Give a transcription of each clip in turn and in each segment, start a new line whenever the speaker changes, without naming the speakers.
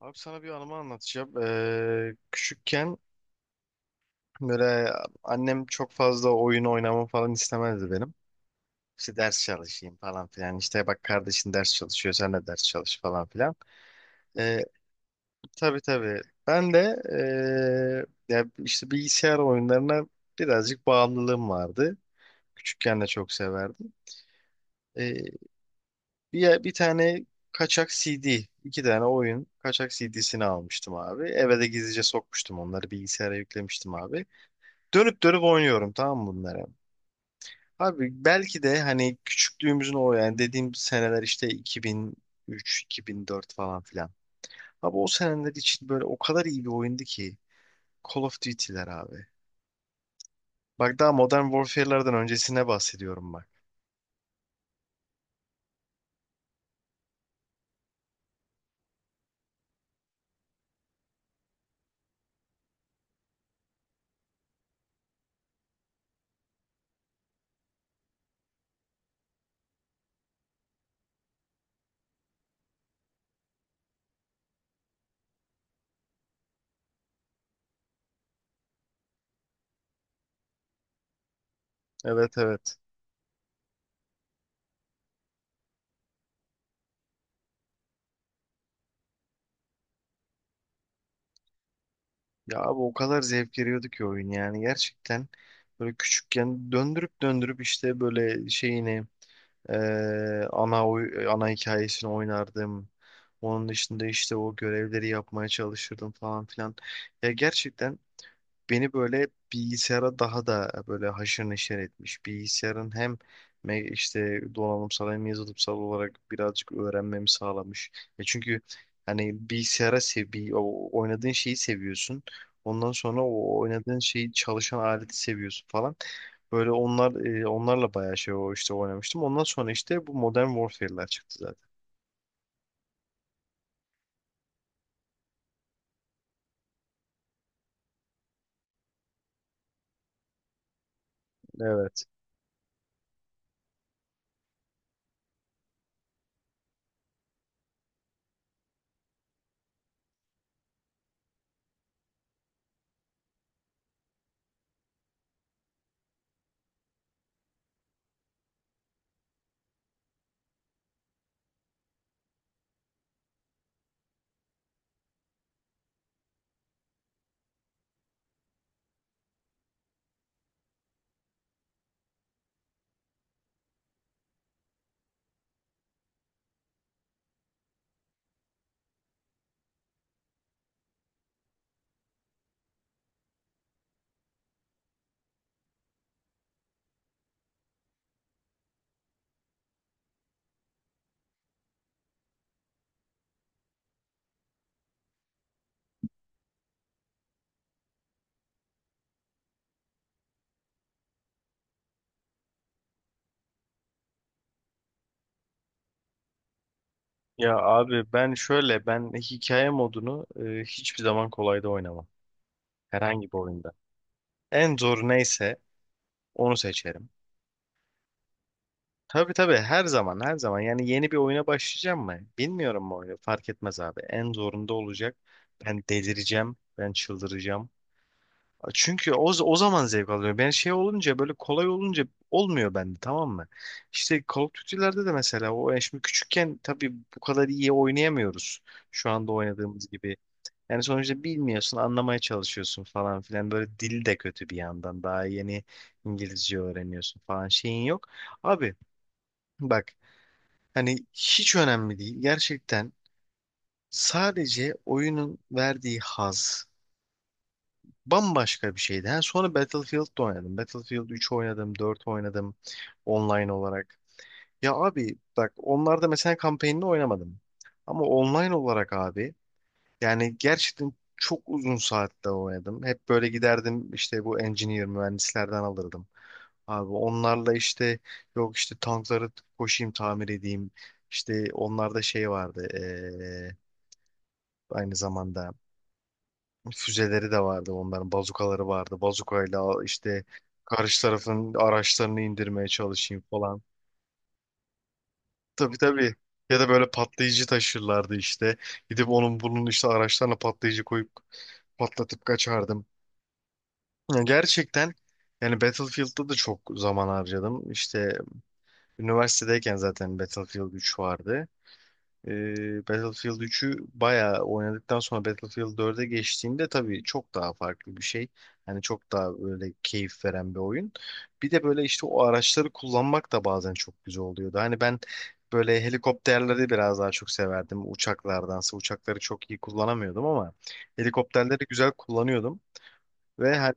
Abi sana bir anımı anlatacağım. Küçükken böyle annem çok fazla oyun oynamamı falan istemezdi benim. İşte ders çalışayım falan filan. İşte bak kardeşin ders çalışıyor sen de ders çalış falan filan. Ee, tabii tabii. Ben de ya işte bilgisayar oyunlarına birazcık bağımlılığım vardı. Küçükken de çok severdim. Ee, bir tane kaçak CD, iki tane oyun kaçak CD'sini almıştım abi. Eve de gizlice sokmuştum, onları bilgisayara yüklemiştim abi. Dönüp dönüp oynuyorum tamam mı bunları? Abi belki de hani küçüklüğümüzün o yani dediğim seneler işte 2003, 2004 falan filan. Abi o seneler için böyle o kadar iyi bir oyundu ki, Call of Duty'ler abi. Bak daha Modern Warfare'lardan öncesine bahsediyorum bak. Evet evet. Ya abi o kadar zevk veriyordu ki oyun, yani gerçekten böyle küçükken döndürüp döndürüp işte böyle şeyini ana hikayesini oynardım. Onun dışında işte o görevleri yapmaya çalışırdım falan filan. Ya gerçekten beni böyle bilgisayara daha da böyle haşır neşir etmiş. Bilgisayarın hem işte donanımsal hem yazılımsal olarak birazcık öğrenmemi sağlamış. Ya çünkü hani bilgisayara o oynadığın şeyi seviyorsun. Ondan sonra o oynadığın şeyi çalışan aleti seviyorsun falan. Böyle onlar onlarla bayağı şey o işte oynamıştım. Ondan sonra işte bu Modern Warfare'ler çıktı zaten. Evet. Ya abi ben şöyle, ben hikaye modunu hiçbir zaman kolayda oynamam. Herhangi bir oyunda. En zor neyse onu seçerim. Tabii tabii, her zaman her zaman, yani yeni bir oyuna başlayacağım mı? Bilmiyorum bu oyunu, fark etmez abi. En zorunda olacak. Ben delireceğim. Ben çıldıracağım. Çünkü o zaman zevk alıyorum. Ben şey olunca, böyle kolay olunca olmuyor bende tamam mı? İşte Call of Duty'lerde de mesela o, yani şimdi küçükken tabii bu kadar iyi oynayamıyoruz. Şu anda oynadığımız gibi. Yani sonuçta bilmiyorsun, anlamaya çalışıyorsun falan filan. Böyle dil de kötü bir yandan. Daha yeni İngilizce öğreniyorsun falan, şeyin yok. Abi bak hani hiç önemli değil. Gerçekten sadece oyunun verdiği haz bambaşka bir şeydi. Ha, sonra Battlefield'da oynadım. Battlefield 3 oynadım, 4 oynadım online olarak. Ya abi bak, onlarda mesela kampanyanı oynamadım. Ama online olarak abi, yani gerçekten çok uzun saatte oynadım. Hep böyle giderdim, işte bu engineer mühendislerden alırdım. Abi onlarla işte, yok işte tankları koşayım tamir edeyim. İşte onlarda şey vardı, aynı zamanda füzeleri de vardı, onların bazukaları vardı. Bazukayla işte karşı tarafın araçlarını indirmeye çalışayım falan. Tabii tabii. Ya da böyle patlayıcı taşırlardı işte. Gidip onun bunun işte araçlarına patlayıcı koyup patlatıp kaçardım. Ya gerçekten, yani Battlefield'da da çok zaman harcadım. İşte üniversitedeyken zaten Battlefield 3 vardı. Battlefield 3'ü bayağı oynadıktan sonra Battlefield 4'e geçtiğimde tabii çok daha farklı bir şey. Hani çok daha böyle keyif veren bir oyun. Bir de böyle işte o araçları kullanmak da bazen çok güzel oluyordu. Hani ben böyle helikopterleri biraz daha çok severdim. Uçaklardansa, uçakları çok iyi kullanamıyordum ama helikopterleri güzel kullanıyordum. Ve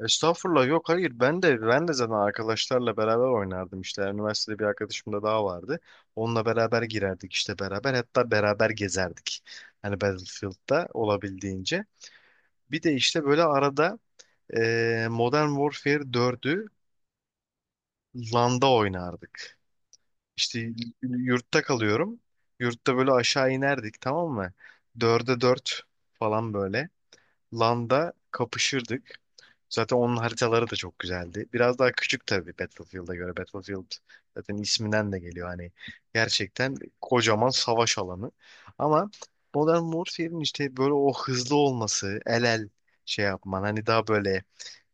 Estağfurullah, yok hayır, ben de zaten arkadaşlarla beraber oynardım, işte üniversitede bir arkadaşım da daha vardı. Onunla beraber girerdik işte, beraber hatta beraber gezerdik. Hani Battlefield'da olabildiğince. Bir de işte böyle arada Modern Warfare 4'ü LAN'da oynardık. İşte yurtta kalıyorum. Yurtta böyle aşağı inerdik tamam mı? Dörde 4 falan böyle. LAN'da kapışırdık. Zaten onun haritaları da çok güzeldi. Biraz daha küçük tabii Battlefield'a göre. Battlefield zaten isminden de geliyor. Hani gerçekten kocaman savaş alanı. Ama Modern Warfare'in işte böyle o hızlı olması, el el şey yapman, hani daha böyle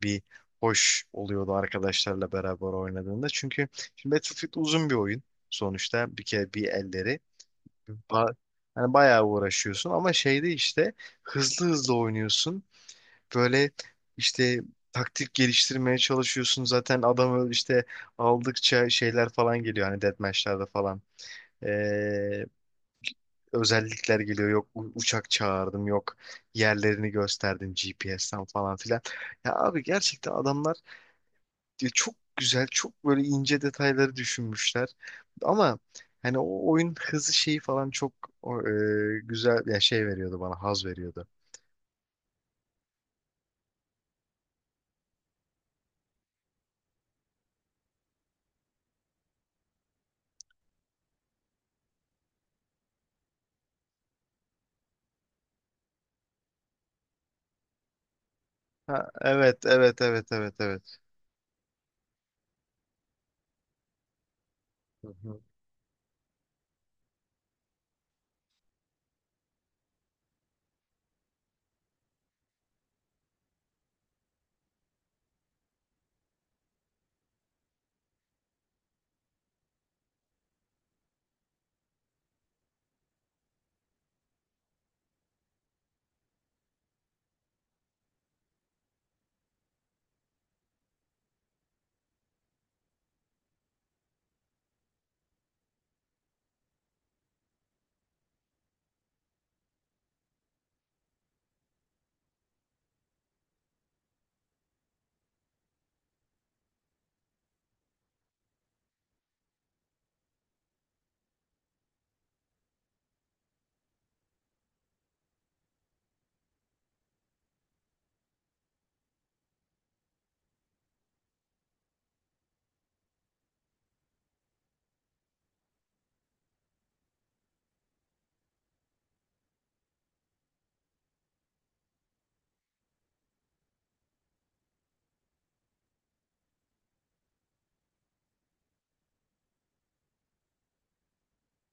bir hoş oluyordu arkadaşlarla beraber oynadığında. Çünkü şimdi Battlefield uzun bir oyun sonuçta. Bir kere bir elleri. Ba- Hani bayağı uğraşıyorsun ama şeyde işte hızlı hızlı oynuyorsun. Böyle işte taktik geliştirmeye çalışıyorsun. Zaten adamı işte aldıkça şeyler falan geliyor hani, deathmatch'lerde falan. Ee, özellikler geliyor. Yok uçak çağırdım, yok yerlerini gösterdim GPS'ten falan filan. Ya abi gerçekten adamlar, ya çok güzel, çok böyle ince detayları düşünmüşler. Ama hani o oyun hızı şeyi falan çok güzel, ya şey veriyordu bana, haz veriyordu. Ha, evet, evet, evet, evet, evet. Hı hı.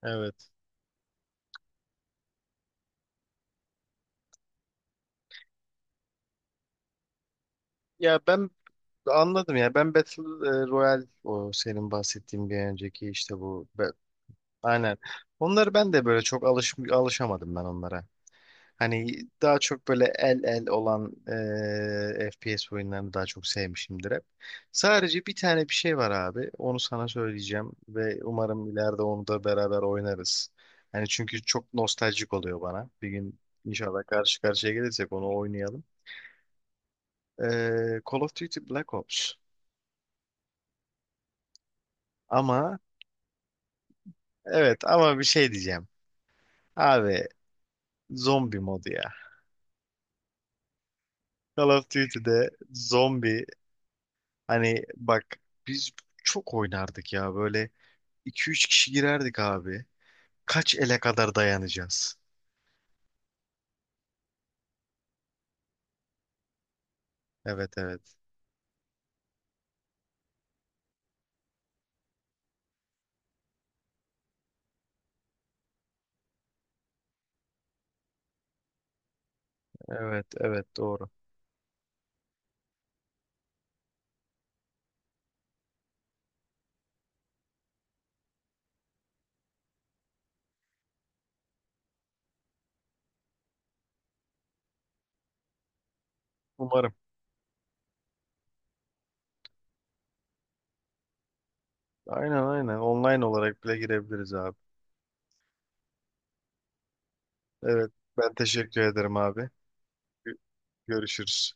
Evet. Ya ben anladım ya. Ben Battle Royale, o senin bahsettiğin bir önceki işte bu. Aynen. Onları ben de böyle çok alışamadım, ben onlara. Hani daha çok böyle el el olan FPS oyunlarını daha çok sevmişimdir hep. Sadece bir tane bir şey var abi. Onu sana söyleyeceğim ve umarım ileride onu da beraber oynarız. Hani çünkü çok nostaljik oluyor bana. Bir gün inşallah karşı karşıya gelirsek onu oynayalım. E, Call of Duty Black Ops. Ama evet, ama bir şey diyeceğim. Abi zombi modu ya. Call of Duty'de zombi, hani bak biz çok oynardık ya böyle, iki üç kişi girerdik abi. Kaç ele kadar dayanacağız? Evet evet. Evet evet doğru. Umarım. Aynen aynen. Online olarak bile girebiliriz abi. Evet, ben teşekkür ederim abi. Gö- Görüşürüz.